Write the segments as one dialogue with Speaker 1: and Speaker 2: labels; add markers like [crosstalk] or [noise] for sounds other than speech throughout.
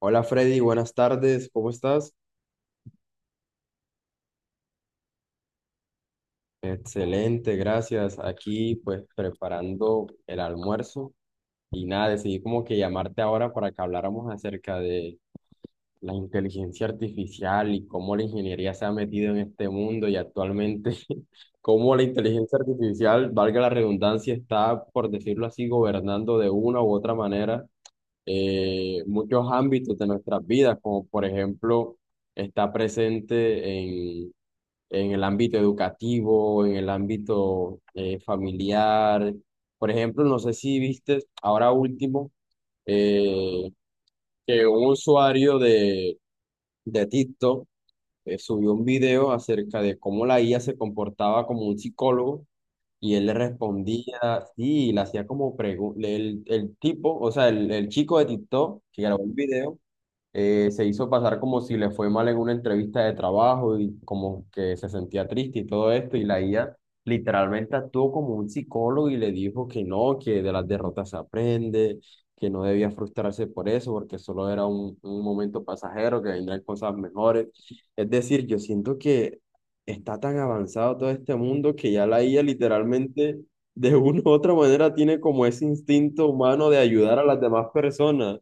Speaker 1: Hola Freddy, buenas tardes, ¿cómo estás? Excelente, gracias. Aquí pues preparando el almuerzo y nada, decidí como que llamarte ahora para que habláramos acerca de la inteligencia artificial y cómo la ingeniería se ha metido en este mundo y actualmente [laughs] cómo la inteligencia artificial, valga la redundancia, está, por decirlo así, gobernando de una u otra manera, muchos ámbitos de nuestras vidas, como por ejemplo está presente en el ámbito educativo, en el ámbito familiar. Por ejemplo, no sé si viste ahora último eh, que un usuario de TikTok subió un video acerca de cómo la IA se comportaba como un psicólogo y él le respondía, sí, y le hacía como preguntas, el tipo, o sea, el chico de TikTok que grabó el video, se hizo pasar como si le fue mal en una entrevista de trabajo y como que se sentía triste y todo esto, y la IA literalmente actuó como un psicólogo y le dijo que no, que de las derrotas se aprende, que no debía frustrarse por eso, porque solo era un momento pasajero, que vendrán cosas mejores. Es decir, yo siento que está tan avanzado todo este mundo que ya la IA literalmente... De una u otra manera tiene como ese instinto humano de ayudar a las demás personas.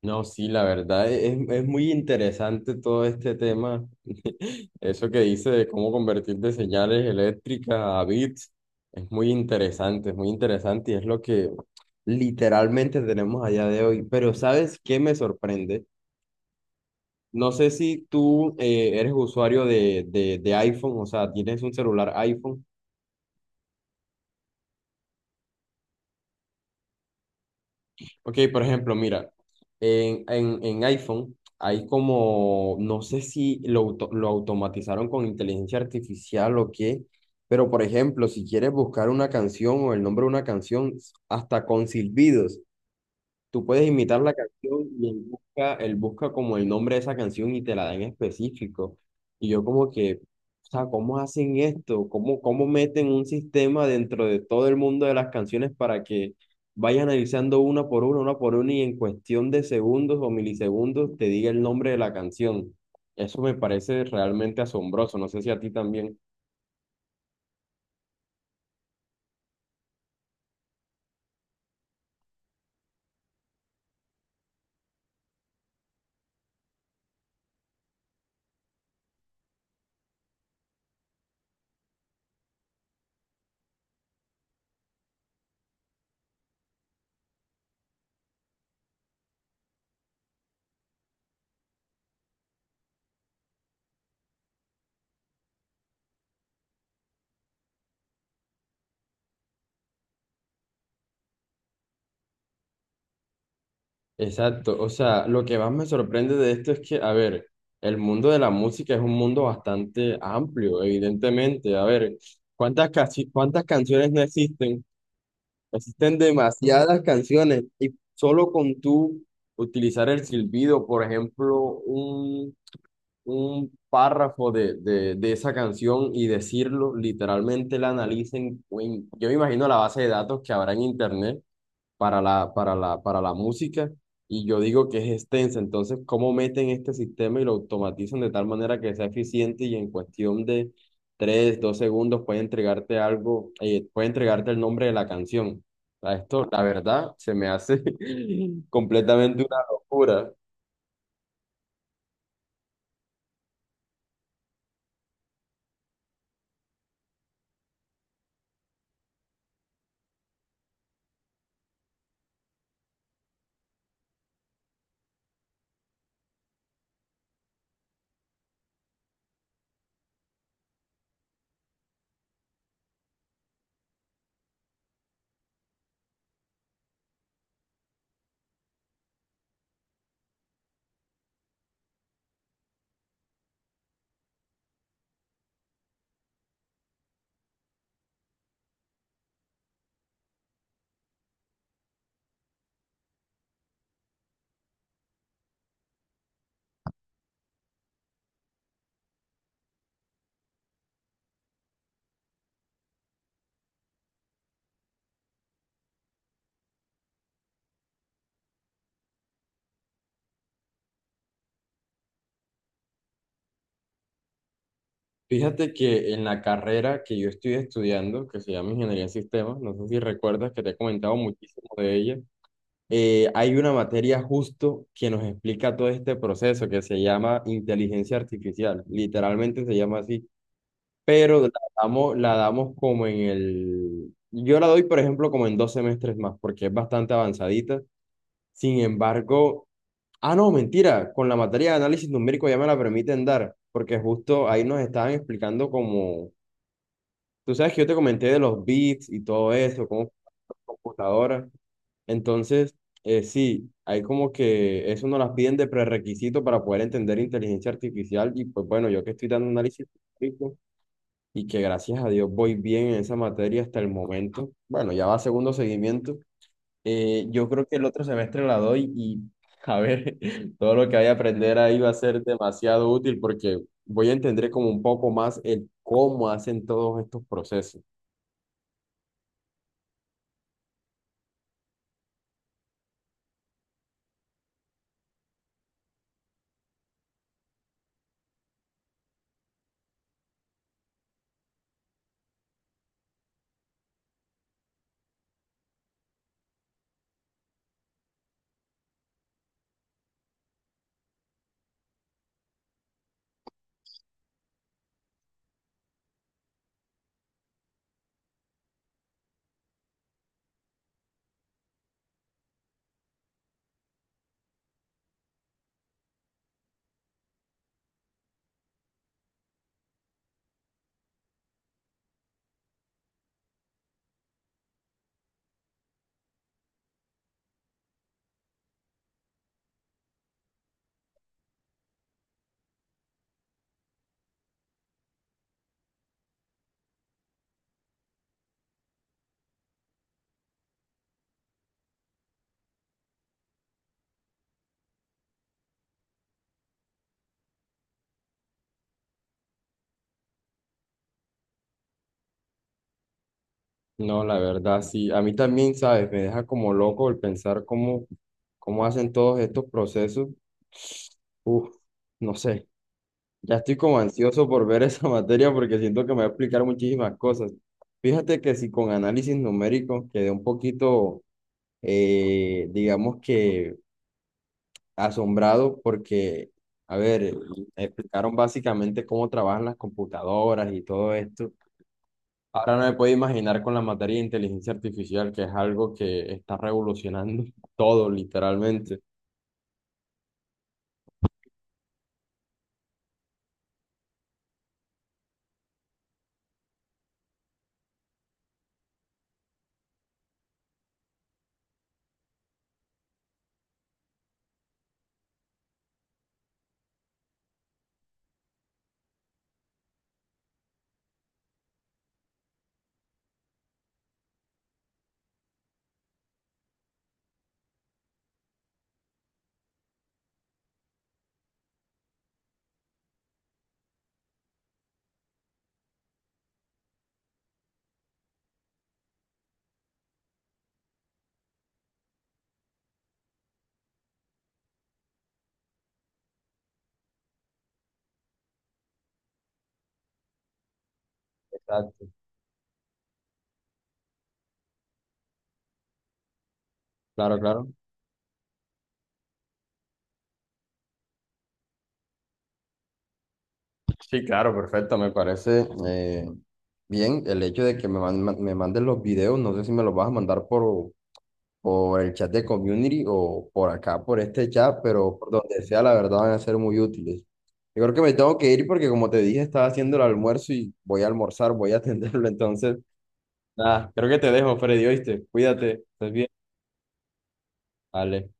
Speaker 1: No, sí, la verdad es muy interesante todo este tema. [laughs] Eso que dice de cómo convertir de señales eléctricas a bits es muy interesante y es lo que literalmente tenemos allá de hoy. Pero ¿sabes qué me sorprende? No sé si tú eres usuario de iPhone, o sea, tienes un celular iPhone. Ok, por ejemplo, mira, en iPhone hay como, no sé si lo, lo automatizaron con inteligencia artificial o qué, pero por ejemplo, si quieres buscar una canción o el nombre de una canción, hasta con silbidos. Tú puedes imitar la canción y él busca como el nombre de esa canción y te la da en específico. Y yo como que, o sea, ¿cómo hacen esto? ¿Cómo, cómo meten un sistema dentro de todo el mundo de las canciones para que vayas analizando una por una y en cuestión de segundos o milisegundos te diga el nombre de la canción? Eso me parece realmente asombroso. No sé si a ti también. Exacto, o sea, lo que más me sorprende de esto es que, a ver, el mundo de la música es un mundo bastante amplio, evidentemente. A ver, ¿ cuántas canciones no existen? Existen demasiadas canciones y solo con tú utilizar el silbido, por ejemplo, un, un párrafo de esa canción y decirlo, literalmente la analicen. Yo me imagino la base de datos que habrá en internet para la música y yo digo que es extensa. Entonces, ¿cómo meten este sistema y lo automatizan de tal manera que sea eficiente y en cuestión de 3 2 segundos puede entregarte algo, puede entregarte el nombre de la canción? O sea, esto, la verdad, se me hace [laughs] completamente una locura. Fíjate que en la carrera que yo estoy estudiando, que se llama Ingeniería en Sistemas, no sé si recuerdas que te he comentado muchísimo de ella, hay una materia justo que nos explica todo este proceso que se llama inteligencia artificial, literalmente se llama así, pero la damos como en el... Yo la doy, por ejemplo, como en dos semestres más, porque es bastante avanzadita. Sin embargo, ah, no, mentira, con la materia de análisis numérico ya me la permiten dar, porque justo ahí nos estaban explicando como, tú sabes que yo te comenté de los bits y todo eso, cómo computadora. Entonces, sí, hay como que eso nos las piden de prerequisito para poder entender inteligencia artificial y pues bueno, yo que estoy dando análisis científico y que gracias a Dios voy bien en esa materia hasta el momento, bueno, ya va segundo seguimiento, yo creo que el otro semestre la doy y a ver, [laughs] todo lo que vaya a aprender ahí va a ser demasiado útil porque voy a entender como un poco más el cómo hacen todos estos procesos. No, la verdad, sí. A mí también, ¿sabes? Me deja como loco el pensar cómo, cómo hacen todos estos procesos. Uf, no sé. Ya estoy como ansioso por ver esa [laughs] materia porque siento que me va a explicar muchísimas cosas. Fíjate que si con análisis numérico quedé un poquito, digamos que asombrado porque, a ver, explicaron básicamente cómo trabajan las computadoras y todo esto. Ahora no me puedo imaginar con la materia de inteligencia artificial, que es algo que está revolucionando [laughs] todo, literalmente. Exacto. Claro, claro. Sí, claro, perfecto. Me parece bien el hecho de que me manden los videos. No sé si me los vas a mandar por el chat de community o por acá, por este chat, pero por donde sea, la verdad van a ser muy útiles. Yo creo que me tengo que ir porque, como te dije, estaba haciendo el almuerzo y voy a almorzar, voy a [laughs] atenderlo. Entonces, nada, creo que te dejo, Freddy, ¿oíste? Cuídate, estés bien. Vale.